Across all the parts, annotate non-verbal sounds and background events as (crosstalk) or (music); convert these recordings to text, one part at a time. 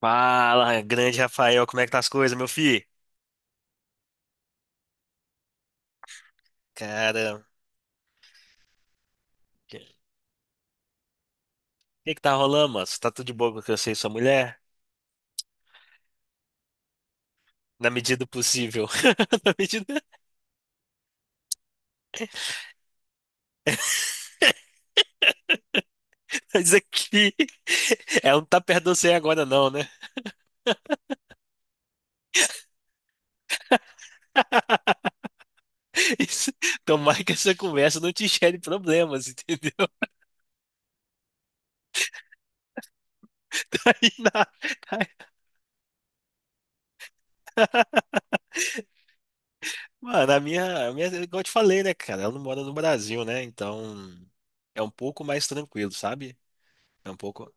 Fala, grande Rafael, como é que tá as coisas, meu filho? Cara, que, que tá rolando, mano? Você tá tudo de boa com que eu sei sua mulher? Na medida do possível. (laughs) Na medida. (laughs) Mas aqui. Ela não tá perto de você agora, não, né? (laughs) Isso. Tomara que essa conversa não te gere problemas, entendeu? (laughs) Aí na- aí- (laughs) Mano, a minha, igual eu te falei, né, cara? Ela não mora no Brasil, né? Então é um pouco mais tranquilo, sabe? É um pouco.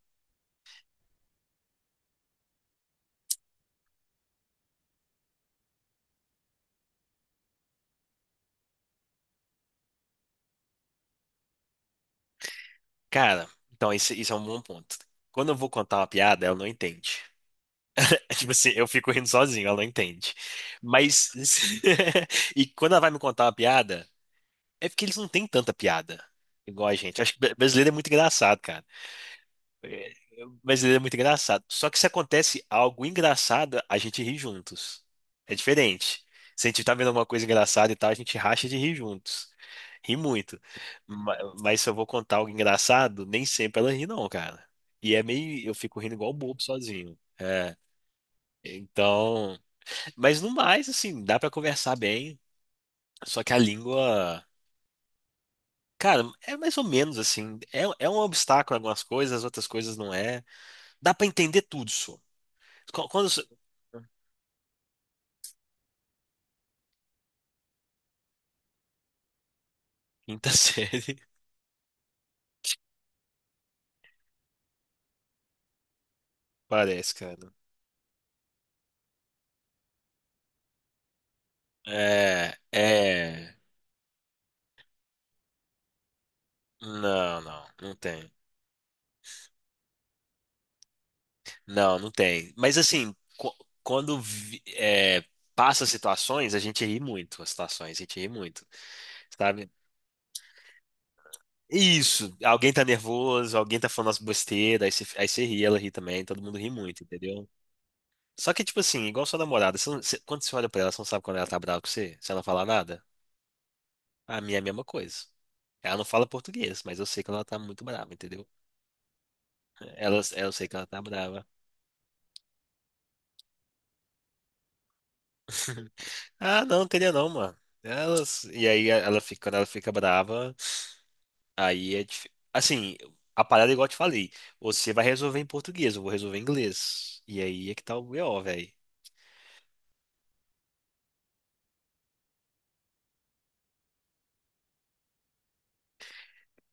Cara, então isso é um bom ponto. Quando eu vou contar uma piada, ela não entende. (laughs) Tipo assim, eu fico rindo sozinho, ela não entende. Mas. (laughs) E quando ela vai me contar uma piada, é porque eles não têm tanta piada igual a gente. Acho que brasileiro é muito engraçado, cara. Brasileiro é muito engraçado. Só que se acontece algo engraçado, a gente ri juntos. É diferente. Se a gente tá vendo alguma coisa engraçada e tal, a gente racha de rir juntos. Ri muito. Mas, se eu vou contar algo engraçado, nem sempre ela ri, não, cara. E é meio. Eu fico rindo igual bobo sozinho. É. Então. Mas no mais, assim, dá pra conversar bem. Só que a língua. Cara, é mais ou menos assim. É um obstáculo em algumas coisas, outras coisas não é. Dá pra entender tudo, só. Quando, Quinta (laughs) série. Parece, cara. É, é. Não, não, não tem. Não, não tem. Mas assim, quando vi- é, passa situações, a gente ri muito. As situações, a gente ri muito. Sabe? Isso. Alguém tá nervoso, alguém tá falando as besteiras, aí você ri, ela ri também, todo mundo ri muito, entendeu? Só que, tipo assim, igual sua namorada, você não- você- quando você olha pra ela, você não sabe quando ela tá brava com você? Se ela não falar nada? A minha é a mesma coisa. Ela não fala português, mas eu sei que ela tá muito brava, entendeu? Eu sei que ela tá brava. Ah, não, queria não, mano. E aí ela fica, quando ela fica brava, assim, a parada é igual eu te falei, você vai resolver em português, eu vou resolver em inglês. E aí é que tá o BO, velho.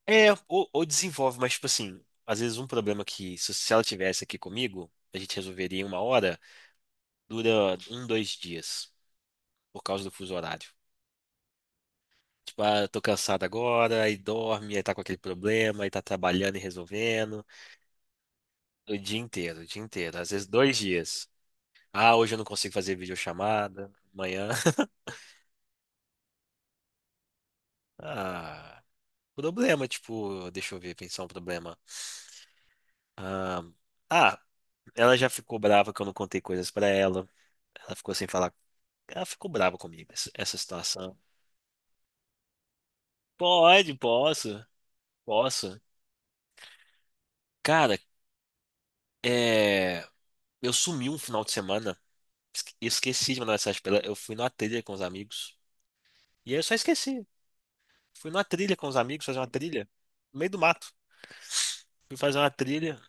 É, ou desenvolve, mas tipo assim, às vezes um problema que se ela tivesse aqui comigo, a gente resolveria em uma hora, dura um, dois dias, por causa do fuso horário. Tipo, ah, eu tô cansado agora, aí dorme, aí tá com aquele problema, aí tá trabalhando e resolvendo. O dia inteiro, o dia inteiro. Às vezes dois dias. Ah, hoje eu não consigo fazer videochamada. Amanhã. (laughs) Ah, problema, tipo, deixa eu ver, pensar um problema. Ah, ah, ela já ficou brava que eu não contei coisas pra ela. Ela ficou sem falar. Ela ficou brava comigo, essa situação. Pode, posso, posso. Cara, é. Eu sumi um final de semana. Esqueci de mandar mensagem pra ela. Eu fui numa trilha com os amigos. E aí eu só esqueci. Fui numa trilha com os amigos, fazer uma trilha. No meio do mato. Fui fazer uma trilha.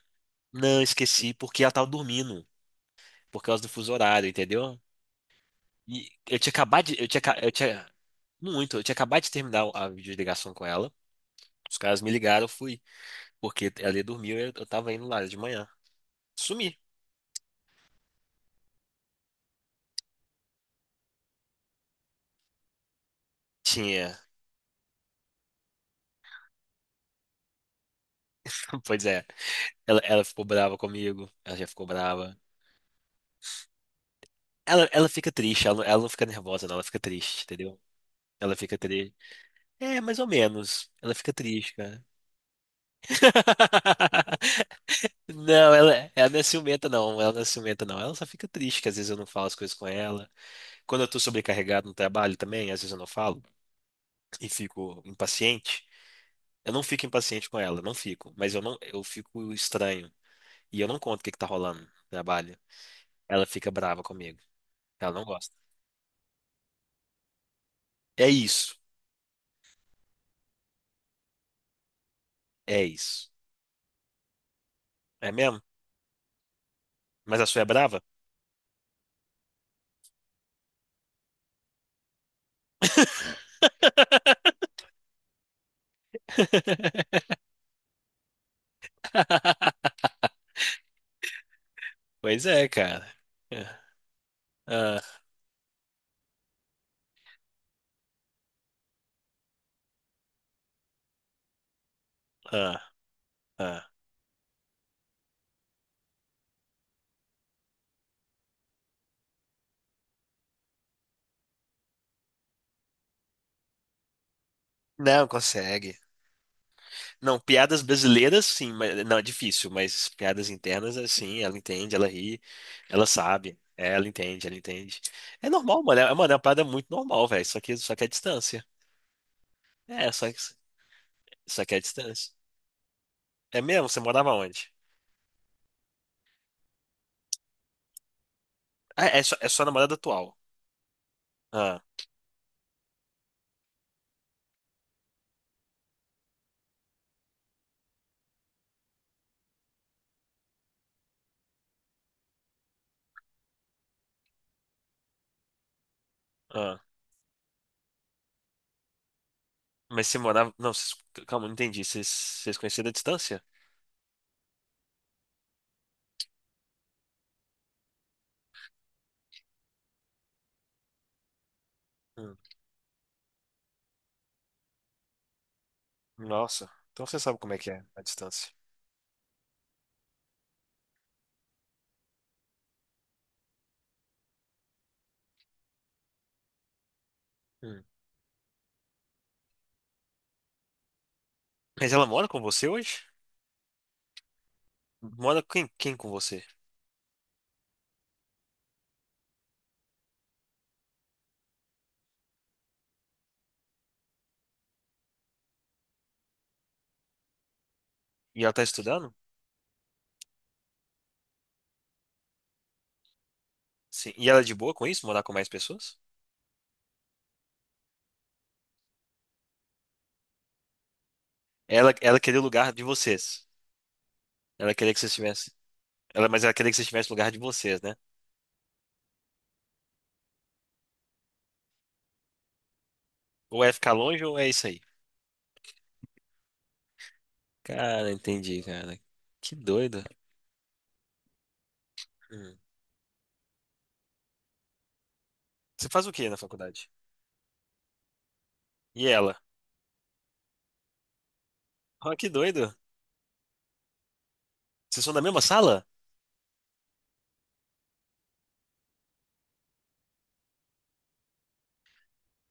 Não, esqueci, porque ela tava dormindo. Por causa do fuso horário, entendeu? E eu tinha acabado de. Eu tinha. Muito, eu tinha acabado de terminar a videoligação com ela. Os caras me ligaram, eu fui. Porque ela ia dormir, eu tava indo lá de manhã. Sumi. Tinha. (laughs) Pois é. Ela ficou brava comigo. Ela já ficou brava. Ela fica triste, ela não fica nervosa, não. Ela fica triste, entendeu? Ela fica triste. É, mais ou menos. Ela fica triste, cara. (laughs) Não, ela não é ciumenta, não. Ela não é ciumenta, não. Ela só fica triste, que às vezes eu não falo as coisas com ela. Quando eu tô sobrecarregado no trabalho também, às vezes eu não falo e fico impaciente. Eu não fico impaciente com ela, não fico. Mas eu não, eu fico estranho. E eu não conto o que que tá rolando no trabalho. Ela fica brava comigo. Ela não gosta. É isso. É isso. É mesmo? Mas a sua é brava? (laughs) Pois é, cara. É. Ah, ah, ah. Não, consegue. Não, piadas brasileiras, sim, mas não é difícil, mas piadas internas, assim, ela entende, ela ri, ela sabe, ela entende. É normal, mano, é, mano, é uma parada muito normal, velho, só que é distância. É, só que é distância. É mesmo? Você morava onde? Ah, é sua namorada atual. Ah, ah. Mas você morava. Não, calma, não entendi. Vocês conheceram a distância? Hum, Nossa, então você sabe como é que é a distância. Hum. Mas ela mora com você hoje? Mora quem com você? E ela tá estudando? Sim. E ela é de boa com isso, morar com mais pessoas? Ela queria o lugar de vocês. Ela queria que vocês tivessem. Mas ela queria que vocês tivessem o lugar de vocês, né? Ou é ficar longe ou é isso aí. Cara, entendi, cara. Que doido. Hum. Você faz o quê na faculdade? E ela? Ah, que doido. Vocês são da mesma sala?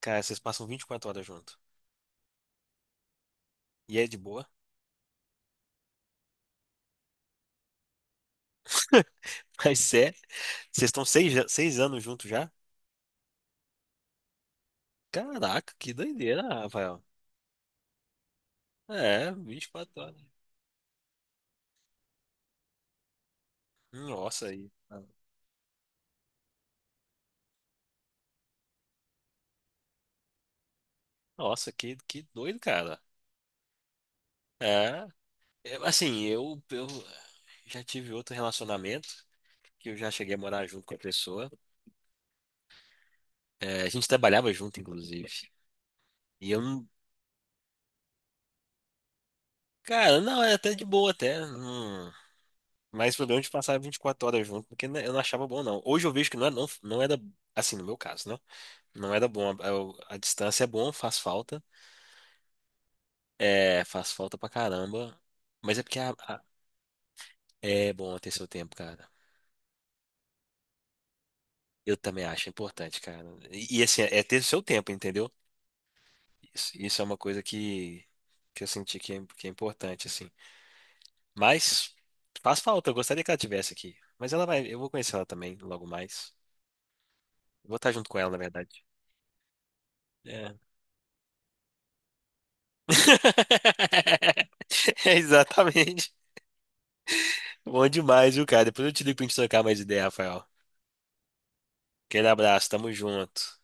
Cara, vocês passam 24 horas junto. E é de boa? (laughs) Mas sério? Vocês estão 6 anos juntos já? Caraca, que doideira, Rafael. É, 24 horas. Nossa, aí. Nossa, que doido, cara. É. Assim, eu já tive outro relacionamento que eu já cheguei a morar junto com a pessoa. É, a gente trabalhava junto, inclusive. E eu não. Cara, não, é até de boa, até. Não, mas o problema é de passar 24 horas junto, porque né, eu não achava bom, não. Hoje eu vejo que não, é, não, não era. Assim, no meu caso, né? Não era bom. A distância é bom, faz falta. É, faz falta pra caramba. Mas é porque é bom ter seu tempo, cara. Eu também acho importante, cara. E, assim, é ter seu tempo, entendeu? Isso é uma coisa que eu senti que é importante, assim. Mas faz falta, eu gostaria que ela tivesse aqui. Eu vou conhecer ela também logo mais. Vou estar junto com ela, na verdade. É. (laughs) É, exatamente. Bom demais, viu, cara? Depois eu te ligo pra gente trocar mais ideia, Rafael. Aquele abraço, tamo junto.